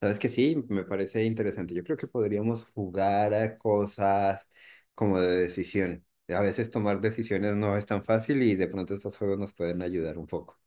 Sabes que sí, me parece interesante. Yo creo que podríamos jugar a cosas como de decisión. A veces tomar decisiones no es tan fácil y de pronto estos juegos nos pueden ayudar un poco.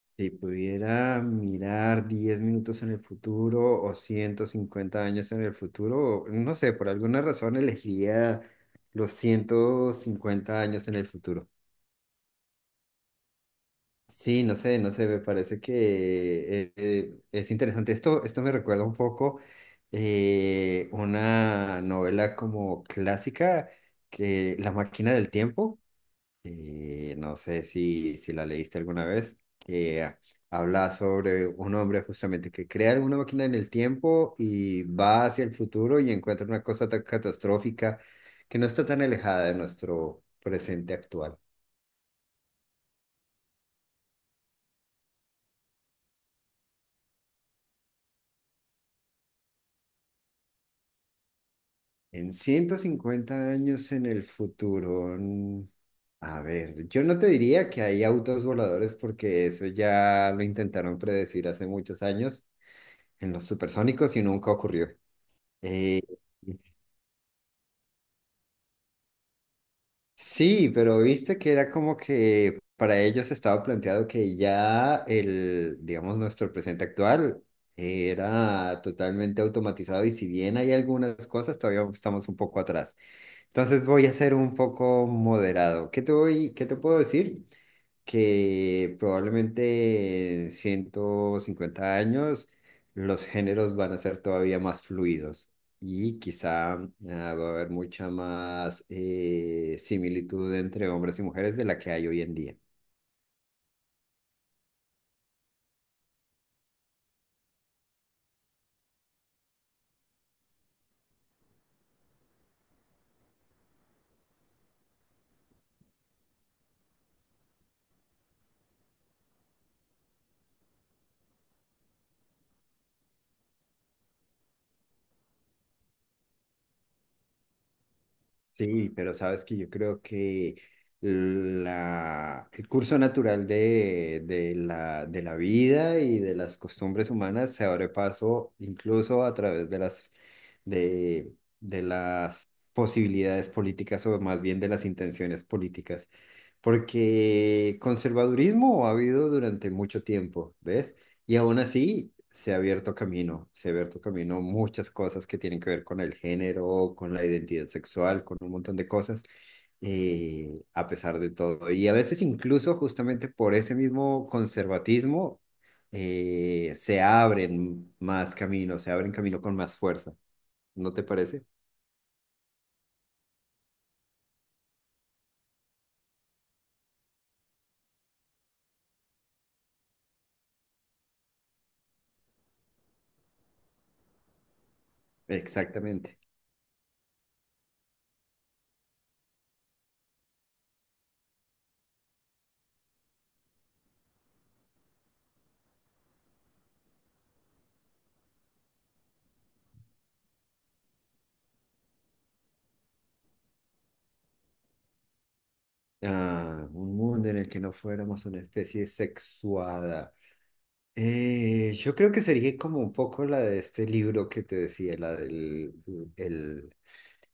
Si pudiera mirar 10 minutos en el futuro o 150 años en el futuro, no sé, por alguna razón elegiría los 150 años en el futuro. Sí, no sé, no sé, me parece que es interesante. Esto me recuerda un poco una novela como clásica, que La máquina del tiempo, no sé si la leíste alguna vez, que habla sobre un hombre justamente que crea una máquina en el tiempo y va hacia el futuro y encuentra una cosa tan catastrófica que no está tan alejada de nuestro presente actual. En 150 años en el futuro, a ver, yo no te diría que hay autos voladores porque eso ya lo intentaron predecir hace muchos años en los supersónicos y nunca ocurrió. Eh, sí, pero viste que era como que para ellos estaba planteado que ya el, digamos, nuestro presente actual era totalmente automatizado y si bien hay algunas cosas, todavía estamos un poco atrás. Entonces voy a ser un poco moderado. ¿Qué te voy, qué te puedo decir? Que probablemente en 150 años los géneros van a ser todavía más fluidos y quizá va a haber mucha más similitud entre hombres y mujeres de la que hay hoy en día. Sí, pero sabes que yo creo que el curso natural de la de la vida y de las costumbres humanas se abre paso incluso a través de de, de las posibilidades políticas o más bien de las intenciones políticas, porque conservadurismo ha habido durante mucho tiempo, ¿ves? Y aún así, se ha abierto camino, se ha abierto camino muchas cosas que tienen que ver con el género, con la identidad sexual, con un montón de cosas, a pesar de todo. Y a veces incluso justamente por ese mismo conservatismo, se abren más caminos, se abren camino con más fuerza. ¿No te parece? Exactamente. Ah, un mundo en el que no fuéramos una especie sexuada. Yo creo que sería como un poco la de este libro que te decía, la del el,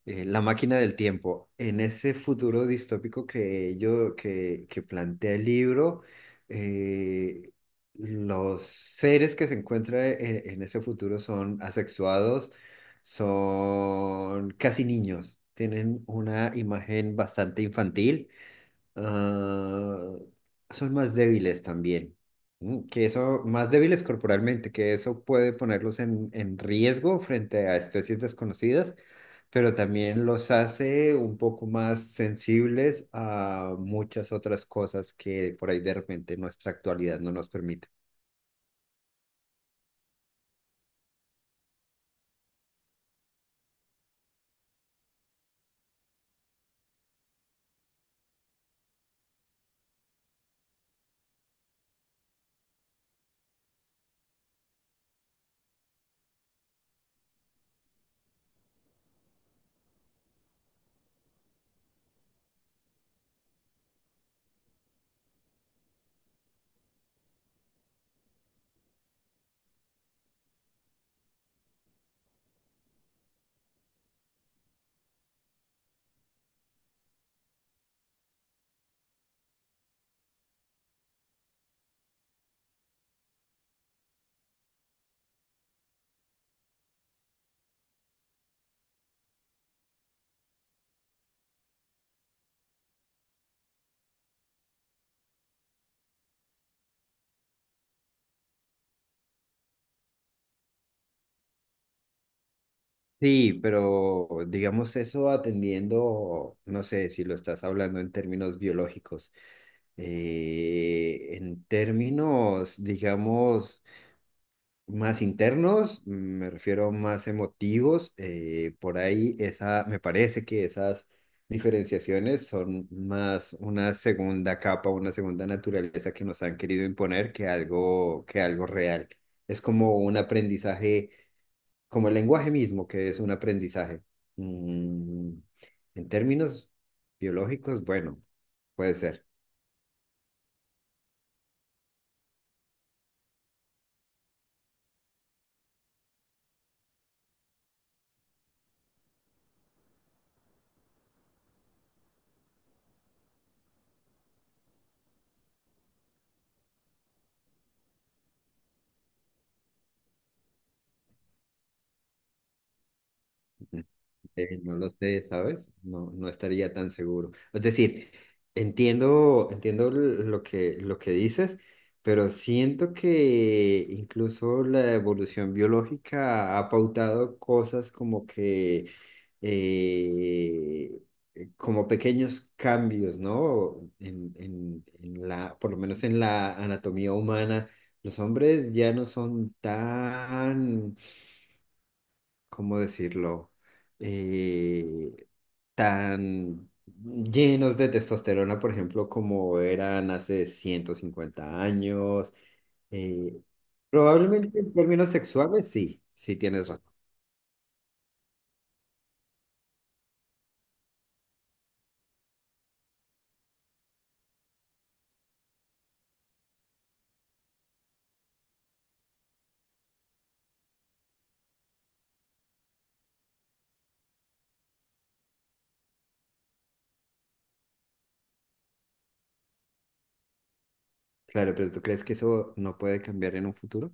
la máquina del tiempo. En ese futuro distópico que que plantea el libro, eh, los seres que se encuentran en ese futuro son asexuados, son casi niños, tienen una imagen bastante infantil. Ah, son más débiles también. Que eso, más débiles corporalmente, que eso puede ponerlos en riesgo frente a especies desconocidas, pero también los hace un poco más sensibles a muchas otras cosas que por ahí de repente nuestra actualidad no nos permite. Sí, pero digamos eso atendiendo, no sé si lo estás hablando en términos biológicos, en términos, digamos, más internos, me refiero más emotivos. Por ahí esa, me parece que esas diferenciaciones son más una segunda capa, una segunda naturaleza que nos han querido imponer que algo real. Es como un aprendizaje, como el lenguaje mismo, que es un aprendizaje. Mm. En términos biológicos, bueno, puede ser. No lo sé, ¿sabes? No, no estaría tan seguro. Es decir, entiendo, lo que dices, pero siento que incluso la evolución biológica ha pautado cosas como que, eh, como pequeños cambios, ¿no? En la, por lo menos en la anatomía humana, los hombres ya no son tan, ¿cómo decirlo? Eh, tan llenos de testosterona, por ejemplo, como eran hace 150 años. Eh, probablemente en términos sexuales, sí, sí tienes razón. Claro, pero ¿tú crees que eso no puede cambiar en un futuro?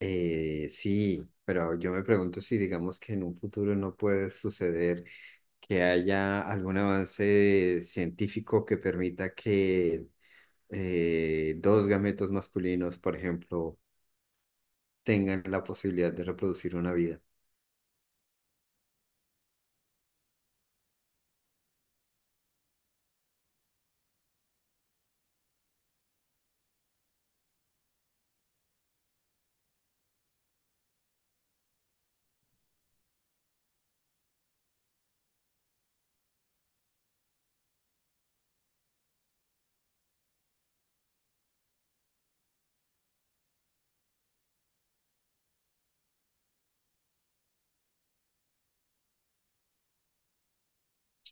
Sí, pero yo me pregunto si digamos que en un futuro no puede suceder que haya algún avance científico que permita que dos gametos masculinos, por ejemplo, tengan la posibilidad de reproducir una vida.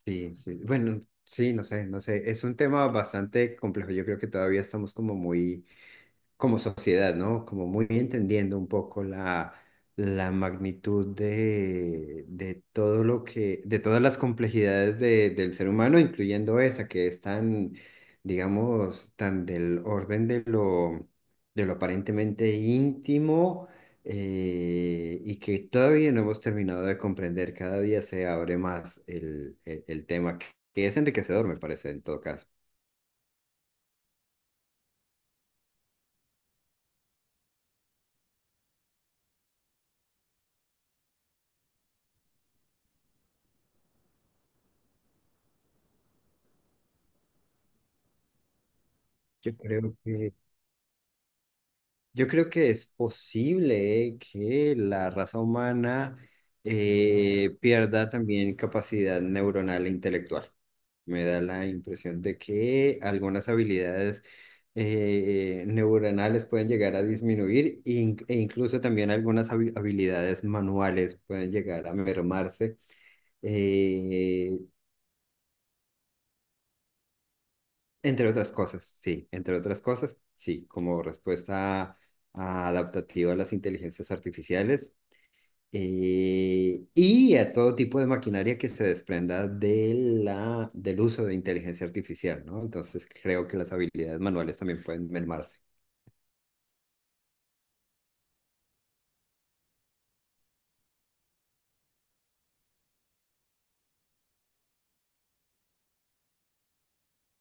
Sí, sí. Bueno, sí, no sé, no sé. Es un tema bastante complejo. Yo creo que todavía estamos como muy como sociedad, ¿no? Como muy entendiendo un poco la magnitud de todo lo que, de todas las complejidades de- del ser humano, incluyendo esa que es tan, digamos, tan del orden de de lo aparentemente íntimo. Y que todavía no hemos terminado de comprender, cada día se abre más el tema, que es enriquecedor, me parece, en todo caso. Yo creo que Yo creo que es posible que la raza humana pierda también capacidad neuronal e intelectual. Me da la impresión de que algunas habilidades neuronales pueden llegar a disminuir e incluso también algunas habilidades manuales pueden llegar a mermarse, eh, entre otras cosas, sí, entre otras cosas, sí, como respuesta adaptativa a las inteligencias artificiales, y a todo tipo de maquinaria que se desprenda de del uso de inteligencia artificial, ¿no? Entonces creo que las habilidades manuales también pueden mermarse.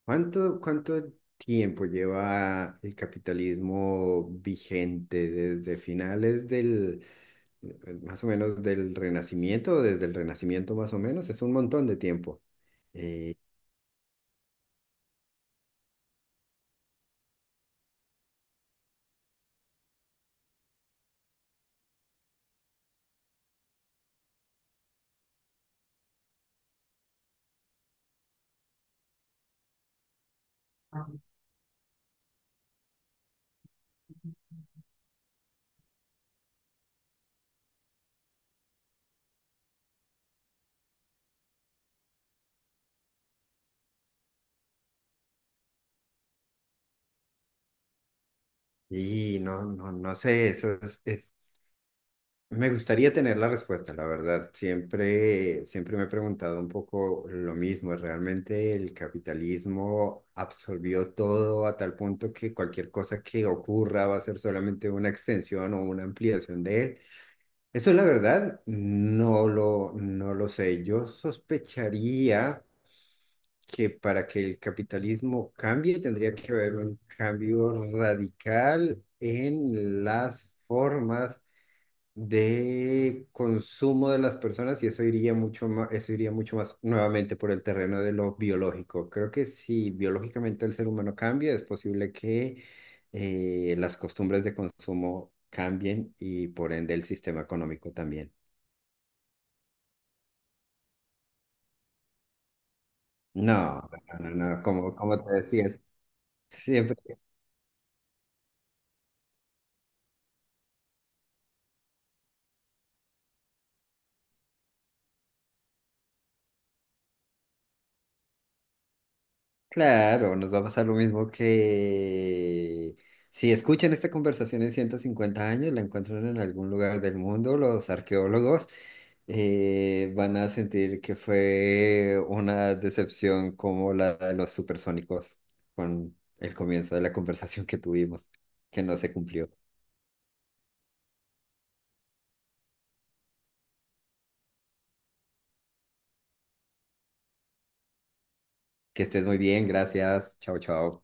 ¿Cuánto, cuánto tiempo lleva el capitalismo vigente desde finales del más o menos del Renacimiento, o desde el Renacimiento más o menos? Es un montón de tiempo. Eh, y no sé, me gustaría tener la respuesta, la verdad. Siempre, siempre me he preguntado un poco lo mismo. ¿Realmente el capitalismo absorbió todo a tal punto que cualquier cosa que ocurra va a ser solamente una extensión o una ampliación de él? Eso, la verdad, no lo sé. Yo sospecharía que para que el capitalismo cambie tendría que haber un cambio radical en las formas de consumo de las personas y eso iría mucho más, eso iría mucho más nuevamente por el terreno de lo biológico. Creo que si biológicamente el ser humano cambia, es posible que las costumbres de consumo cambien y por ende el sistema económico también. No, no, no, no, como, como te decía, siempre. Claro, nos va a pasar lo mismo que si escuchan esta conversación en 150 años, la encuentran en algún lugar del mundo, los arqueólogos van a sentir que fue una decepción como la de los supersónicos con el comienzo de la conversación que tuvimos, que no se cumplió. Que estés muy bien, gracias, chao, chao.